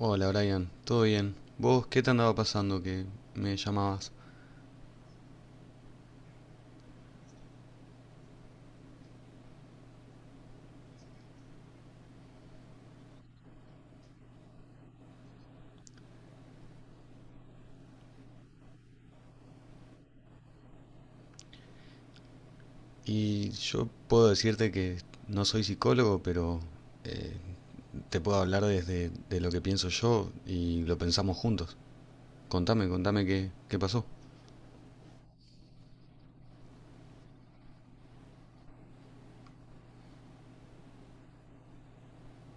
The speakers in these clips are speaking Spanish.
Hola Brian, ¿todo bien? ¿Vos qué te andaba pasando que me llamabas? Y yo puedo decirte que no soy psicólogo, pero eh, te puedo hablar desde de lo que pienso yo y lo pensamos juntos. Contame, contame qué pasó.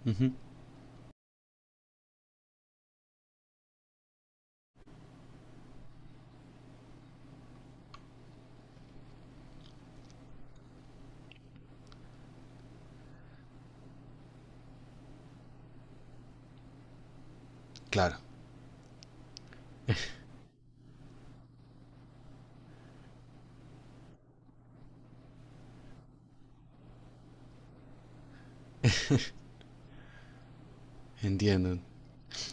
Ujú. Claro, entiendo.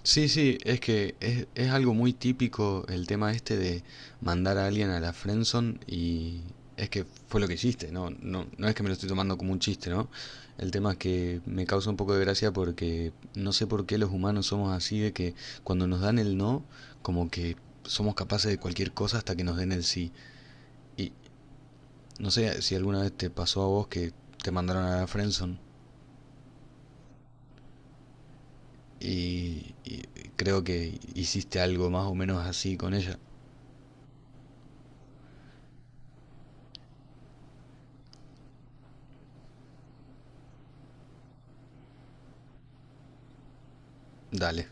Sí, sí, es que es algo muy típico el tema este de mandar a alguien a la friendzone y es que fue lo que hiciste, ¿no? No, no es que me lo estoy tomando como un chiste, ¿no? El tema es que me causa un poco de gracia porque no sé por qué los humanos somos así de que cuando nos dan el no, como que somos capaces de cualquier cosa hasta que nos den el sí. Y no sé si alguna vez te pasó a vos que te mandaron a la friendzone y creo que hiciste algo más o menos así con ella. Dale.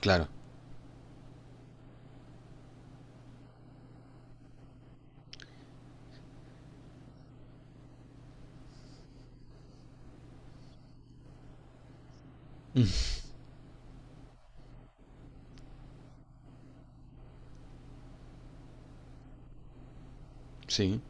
Claro, sí.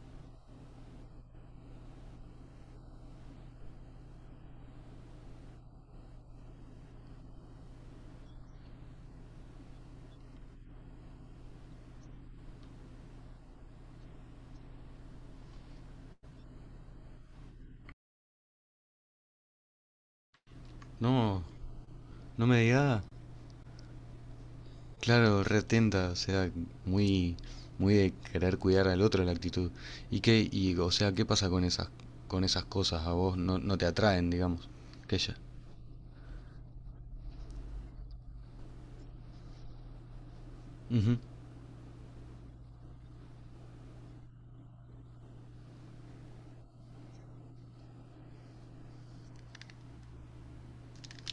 No, no me digas. Claro, retenta, o sea, muy, muy de querer cuidar al otro la actitud. ¿Y qué, y, o sea, qué pasa con esas cosas? A vos no, no te atraen, digamos, que ella. Ujú,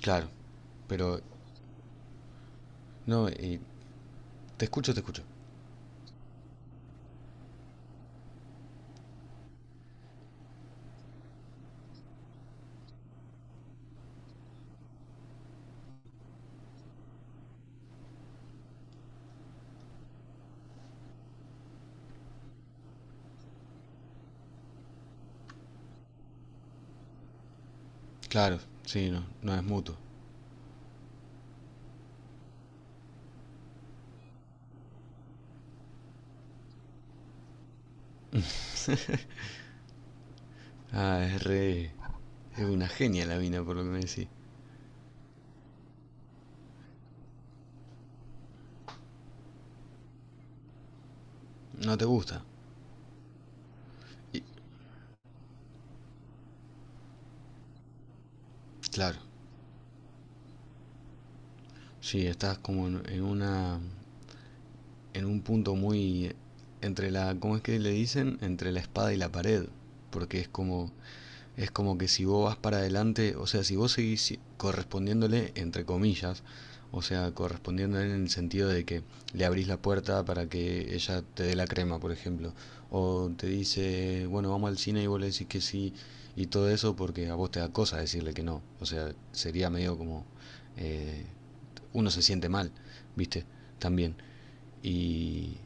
claro, pero, no, y te escucho, te escucho. Claro, sí, no, no es mutuo. Ah, es re... Es una genia la mina, por lo que me decís. No te gusta. Y, claro, sí, estás como en una en un punto muy entre la, ¿cómo es que le dicen? Entre la espada y la pared, porque es como que si vos vas para adelante, o sea, si vos seguís correspondiéndole entre comillas, o sea, correspondiéndole en el sentido de que le abrís la puerta para que ella te dé la crema, por ejemplo, o te dice, bueno, vamos al cine y vos le decís que sí y todo eso porque a vos te da cosa decirle que no, o sea, sería medio como eh, uno se siente mal, ¿viste? También. Y,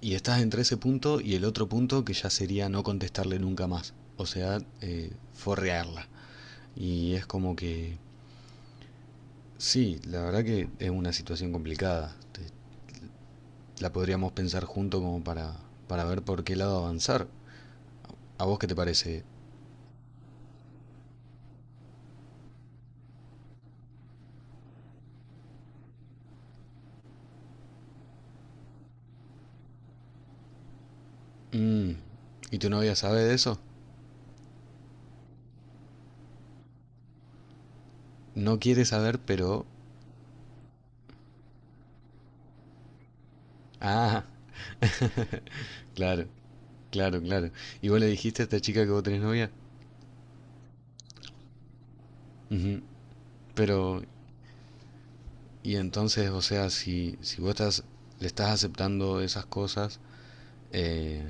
y estás entre ese punto y el otro punto que ya sería no contestarle nunca más. O sea, forrearla. Y es como que, sí, la verdad que es una situación complicada. La podríamos pensar junto como para ver por qué lado avanzar. ¿A vos qué te parece? Mm, ¿y tu novia sabe de eso? No quiere saber, pero... Ah, claro, claro, claro. ¿Y vos le dijiste a esta chica que vos tenés novia? Ujú. Pero, y entonces, o sea, si, si vos estás, le estás aceptando esas cosas, eh,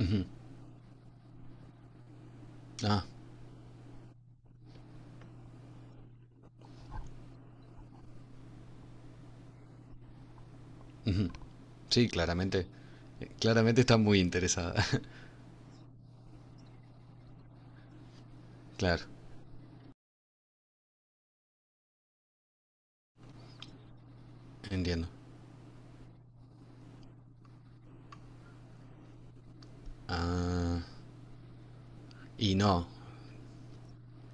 ujú, ah, ujú, sí, claramente, claramente está muy interesada. Claro, entiendo. Ah, y no,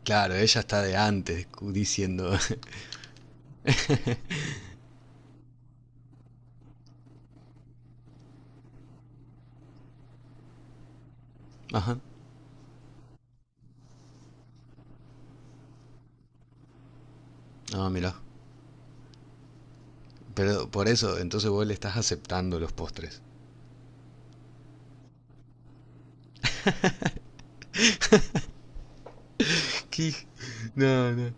claro, ella está de antes cu- diciendo, ajá, no, mira, pero por eso, entonces vos le estás aceptando los postres. ¿Qué? No, no.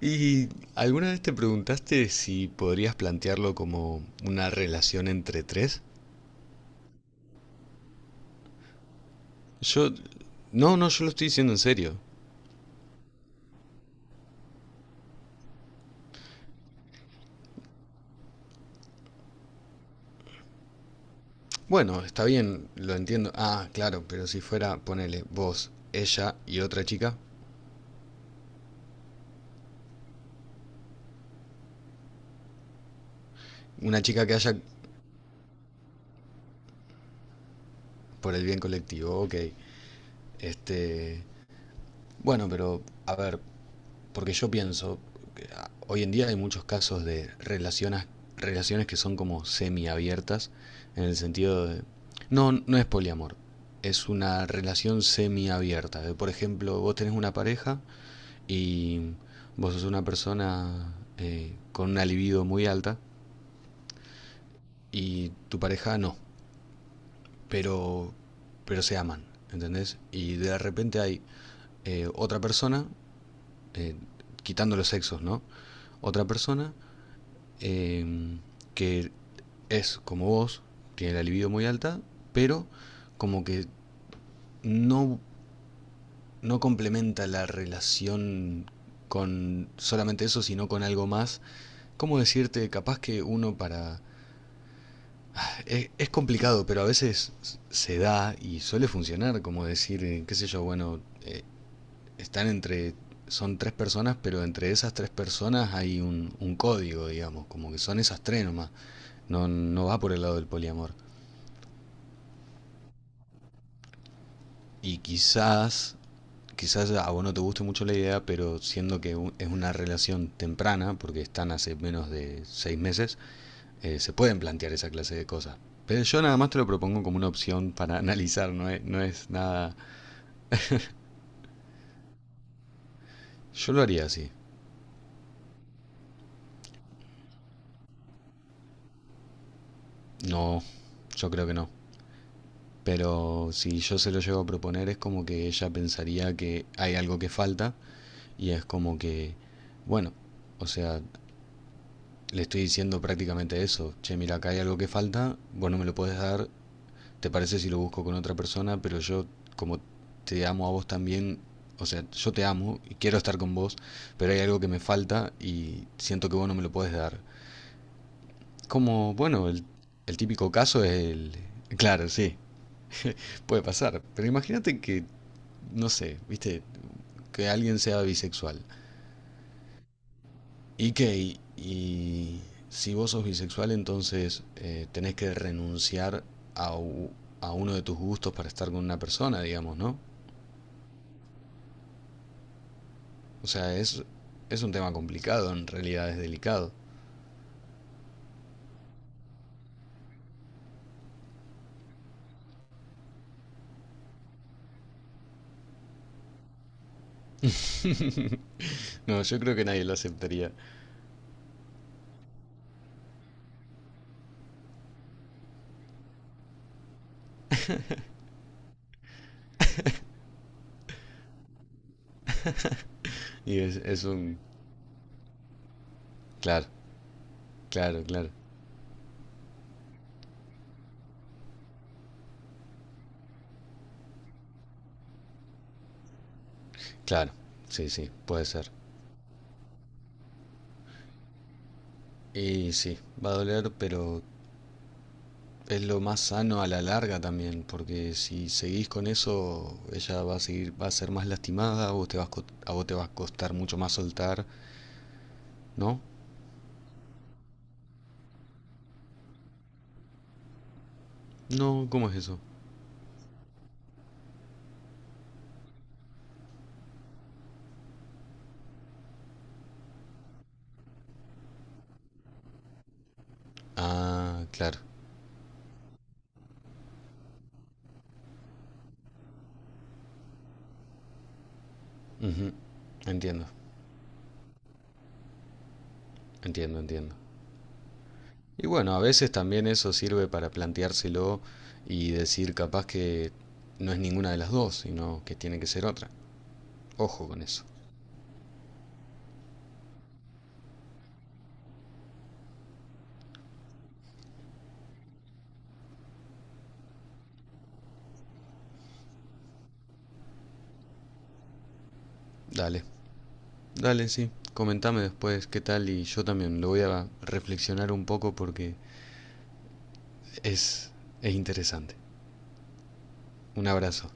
¿Y alguna vez te preguntaste si podrías plantearlo como una relación entre tres? Yo, no, no, yo lo estoy diciendo en serio. Bueno, está bien, lo entiendo. Ah, claro, pero si fuera, ponele, vos, ella y otra chica. Una chica que haya por el bien colectivo, ok. Este, bueno, pero a ver, porque yo pienso, hoy en día hay muchos casos de relaciones, relaciones que son como semiabiertas, en el sentido de... No, no es poliamor, es una relación semiabierta. De, por ejemplo, vos tenés una pareja y vos sos una persona con una libido muy alta y tu pareja no, pero, pero se aman, ¿entendés? Y de repente hay otra persona, eh, quitando los sexos, ¿no? Otra persona eh, que es como vos, tiene la libido muy alta, pero como que no, no complementa la relación con solamente eso, sino con algo más. ¿Cómo decirte? Capaz que uno para... es complicado, pero a veces se da y suele funcionar, como decir, qué sé yo, bueno, están entre, son tres personas, pero entre esas tres personas hay un código, digamos, como que son esas tres nomás, no, no va por el lado del poliamor. Y quizás, quizás a vos no te guste mucho la idea, pero siendo que u- es una relación temprana, porque están hace menos de 6 meses, se pueden plantear esa clase de cosas. Pero yo nada más te lo propongo como una opción para analizar, no es, no es nada. Yo lo haría así. No, yo creo que no. Pero si yo se lo llego a proponer es como que ella pensaría que hay algo que falta y es como que, bueno, o sea, le estoy diciendo prácticamente eso. Che, mira, acá hay algo que falta, vos no me lo podés dar, te parece si lo busco con otra persona, pero yo como te amo a vos también, o sea, yo te amo y quiero estar con vos, pero hay algo que me falta y siento que vos no me lo podés dar. Como, bueno, el típico caso es el... Claro, sí, puede pasar. Pero imagínate que, no sé, viste, que alguien sea bisexual. Y que, y si vos sos bisexual, entonces tenés que renunciar a, a uno de tus gustos para estar con una persona, digamos, ¿no? O sea, es un tema complicado, en realidad es delicado. No, yo creo que nadie lo aceptaría. Y es un... Claro, claro, claro. Claro, sí, sí, puede ser. Y sí, va a doler, pero es lo más sano a la larga también, porque si seguís con eso, ella va a seguir, va a ser más lastimada, a vos te vas, co- a vos te va a costar mucho más soltar, ¿no? No, ¿cómo es eso? Ah, claro. Ujú. Entiendo, entiendo, entiendo. Y bueno, a veces también eso sirve para planteárselo y decir capaz que no es ninguna de las dos, sino que tiene que ser otra. Ojo con eso. Dale, dale, sí. Comentame después qué tal y yo también lo voy a reflexionar un poco porque es, es interesante. Un abrazo.